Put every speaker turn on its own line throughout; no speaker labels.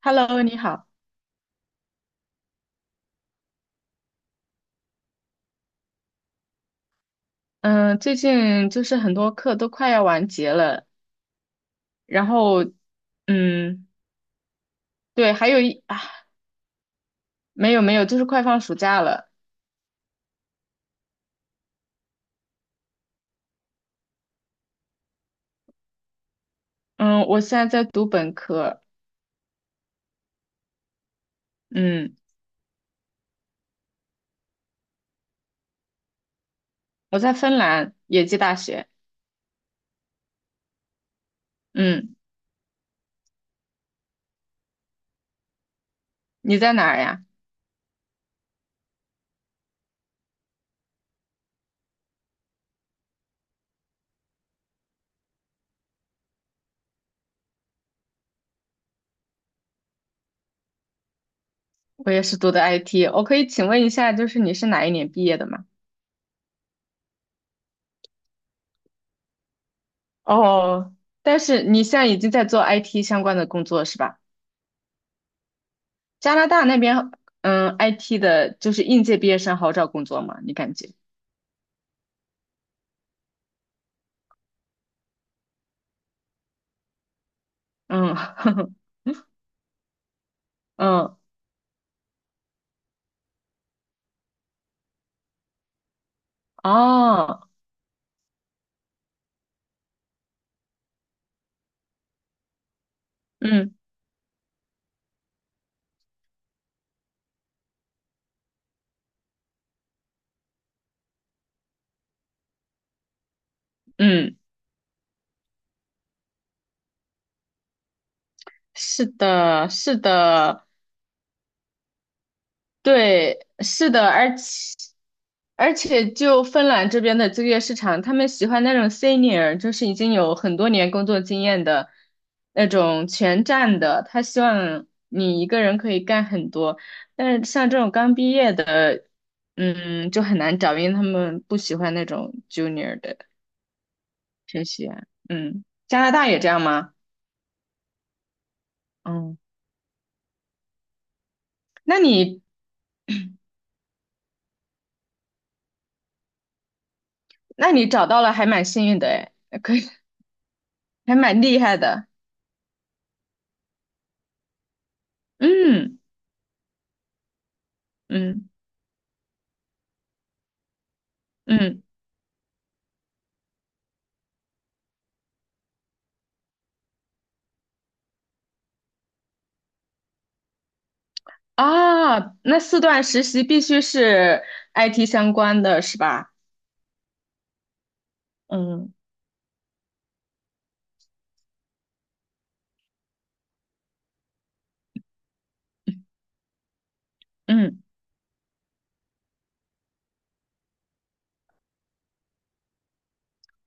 Hello，你好。嗯，最近就是很多课都快要完结了，然后，嗯，对，还有一啊，没有没有，就是快放暑假了。嗯，我现在在读本科。嗯，我在芬兰野鸡大学。嗯，你在哪儿呀？我也是读的 IT。我可以请问一下，就是你是哪一年毕业的吗？哦，但是你现在已经在做 IT 相关的工作是吧？加拿大那边，嗯，IT 的就是应届毕业生好找工作吗？你感觉？嗯 嗯哦嗯嗯，是的，是的。对，是的，而且就芬兰这边的就业市场，他们喜欢那种 senior，就是已经有很多年工作经验的那种全站的，他希望你一个人可以干很多，但是像这种刚毕业的，嗯，就很难找，因为他们不喜欢那种 junior 的学习员。嗯，加拿大也这样吗？嗯。那你那你找到了，还蛮幸运的哎，可以，还蛮厉害的。嗯嗯嗯啊，那四段实习必须是 IT 相关的是吧？嗯嗯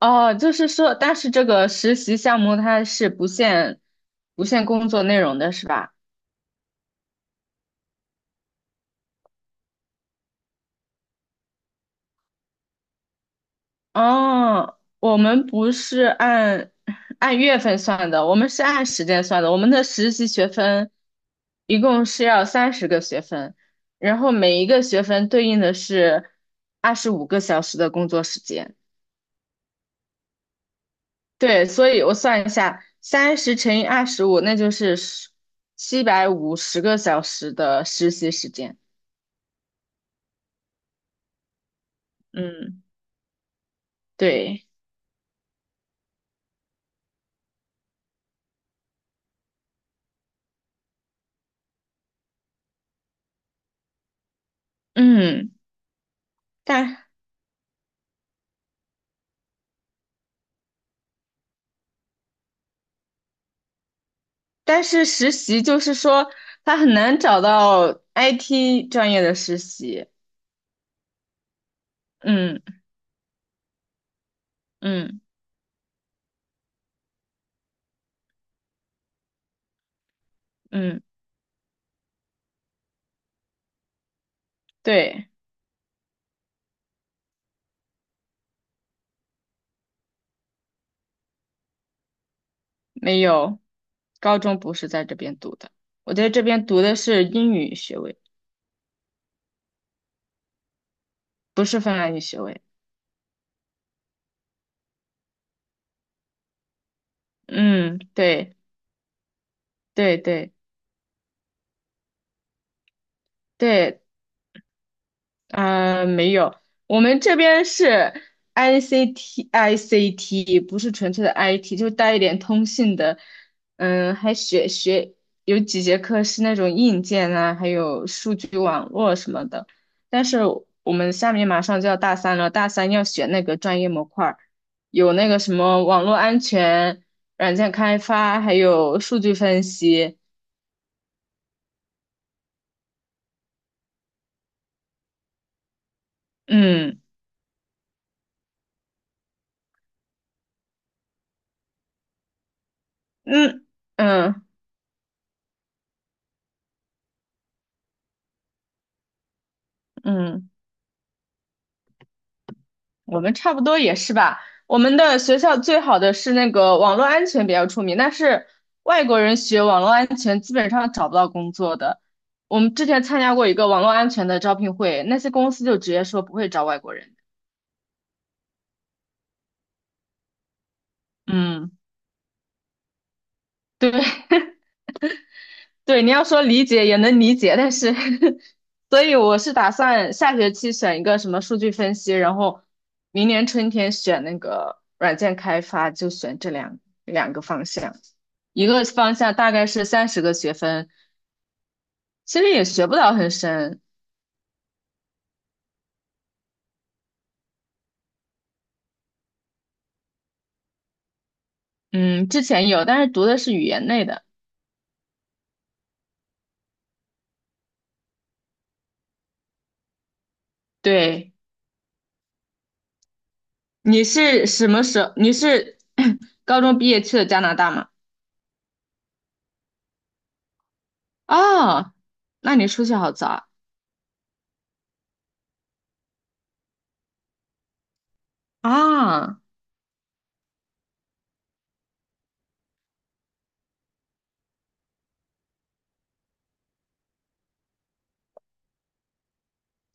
哦，就是说，但是这个实习项目它是不限工作内容的是吧？哦，我们不是按 按月份算的，我们是按时间算的。我们的实习学分一共是要三十个学分，然后每一个学分对应的是25个小时的工作时间。对，所以我算一下，30乘以25，那就是750个小时的实习时间。嗯，对，嗯，但但是实习就是说，他很难找到 IT 专业的实习。嗯嗯嗯，对，没有，高中不是在这边读的，我在这边读的是英语学位，不是芬兰语学位。嗯，对对对对，没有，我们这边是 ICT ICT，不是纯粹的 IT，就带一点通信的。嗯，还学有几节课是那种硬件啊，还有数据网络什么的。但是我们下面马上就要大三了，大三要选那个专业模块儿，有那个什么网络安全、软件开发，还有数据分析。嗯嗯嗯嗯。我们差不多也是吧。我们的学校最好的是那个网络安全比较出名，但是外国人学网络安全基本上找不到工作的。我们之前参加过一个网络安全的招聘会，那些公司就直接说不会招外国人。嗯，对，对，你要说理解也能理解，但是，所以我是打算下学期选一个什么数据分析，然后明年春天选那个软件开发，就选这两个方向。一个方向大概是三十个学分，其实也学不到很深。嗯，之前有，但是读的是语言类的。对，你是什么时候？你是 高中毕业去的加拿大吗？哦，那你出去好早啊！啊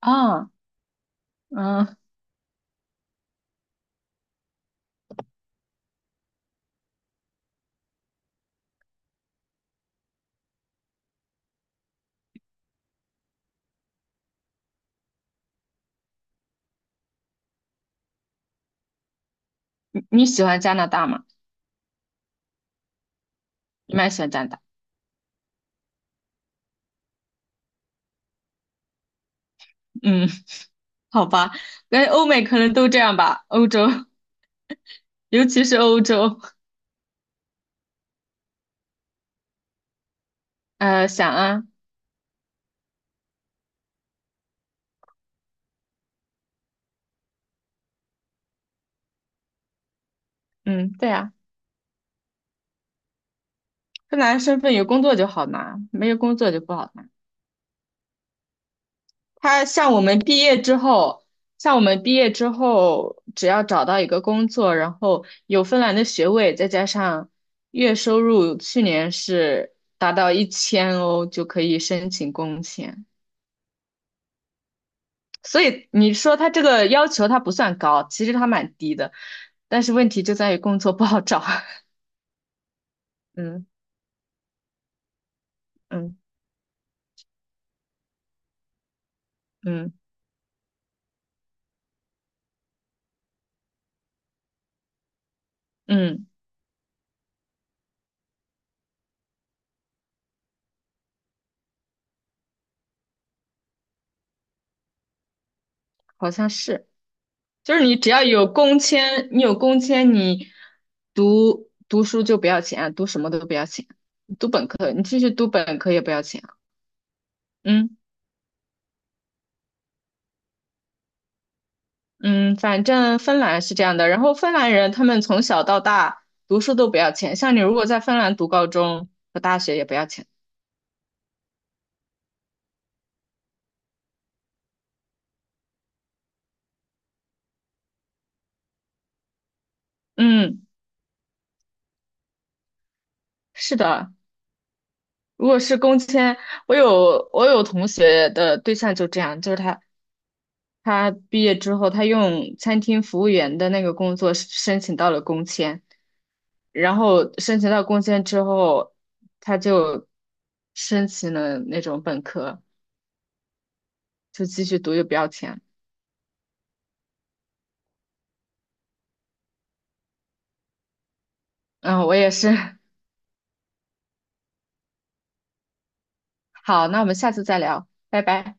啊，嗯。你喜欢加拿大吗？你蛮喜欢加拿大。嗯，好吧，感觉欧美可能都这样吧，欧洲，尤其是欧洲。想啊。嗯，对啊，芬兰身份有工作就好拿，没有工作就不好拿。他像我们毕业之后，像我们毕业之后，只要找到一个工作，然后有芬兰的学位，再加上月收入去年是达到1000欧，就可以申请工签。所以你说他这个要求他不算高，其实他蛮低的，但是问题就在于工作不好找。嗯嗯嗯嗯，好像是，就是你只要有工签，你有工签，你读书就不要钱，读什么都不要钱，读本科，你继续读本科也不要钱。嗯嗯，反正芬兰是这样的，然后芬兰人他们从小到大读书都不要钱，像你如果在芬兰读高中和大学也不要钱。嗯，是的。如果是工签，我有同学的对象就这样，就是他毕业之后，他用餐厅服务员的那个工作申请到了工签，然后申请到工签之后，他就申请了那种本科，就继续读又不要钱。嗯，我也是。好，那我们下次再聊，拜拜。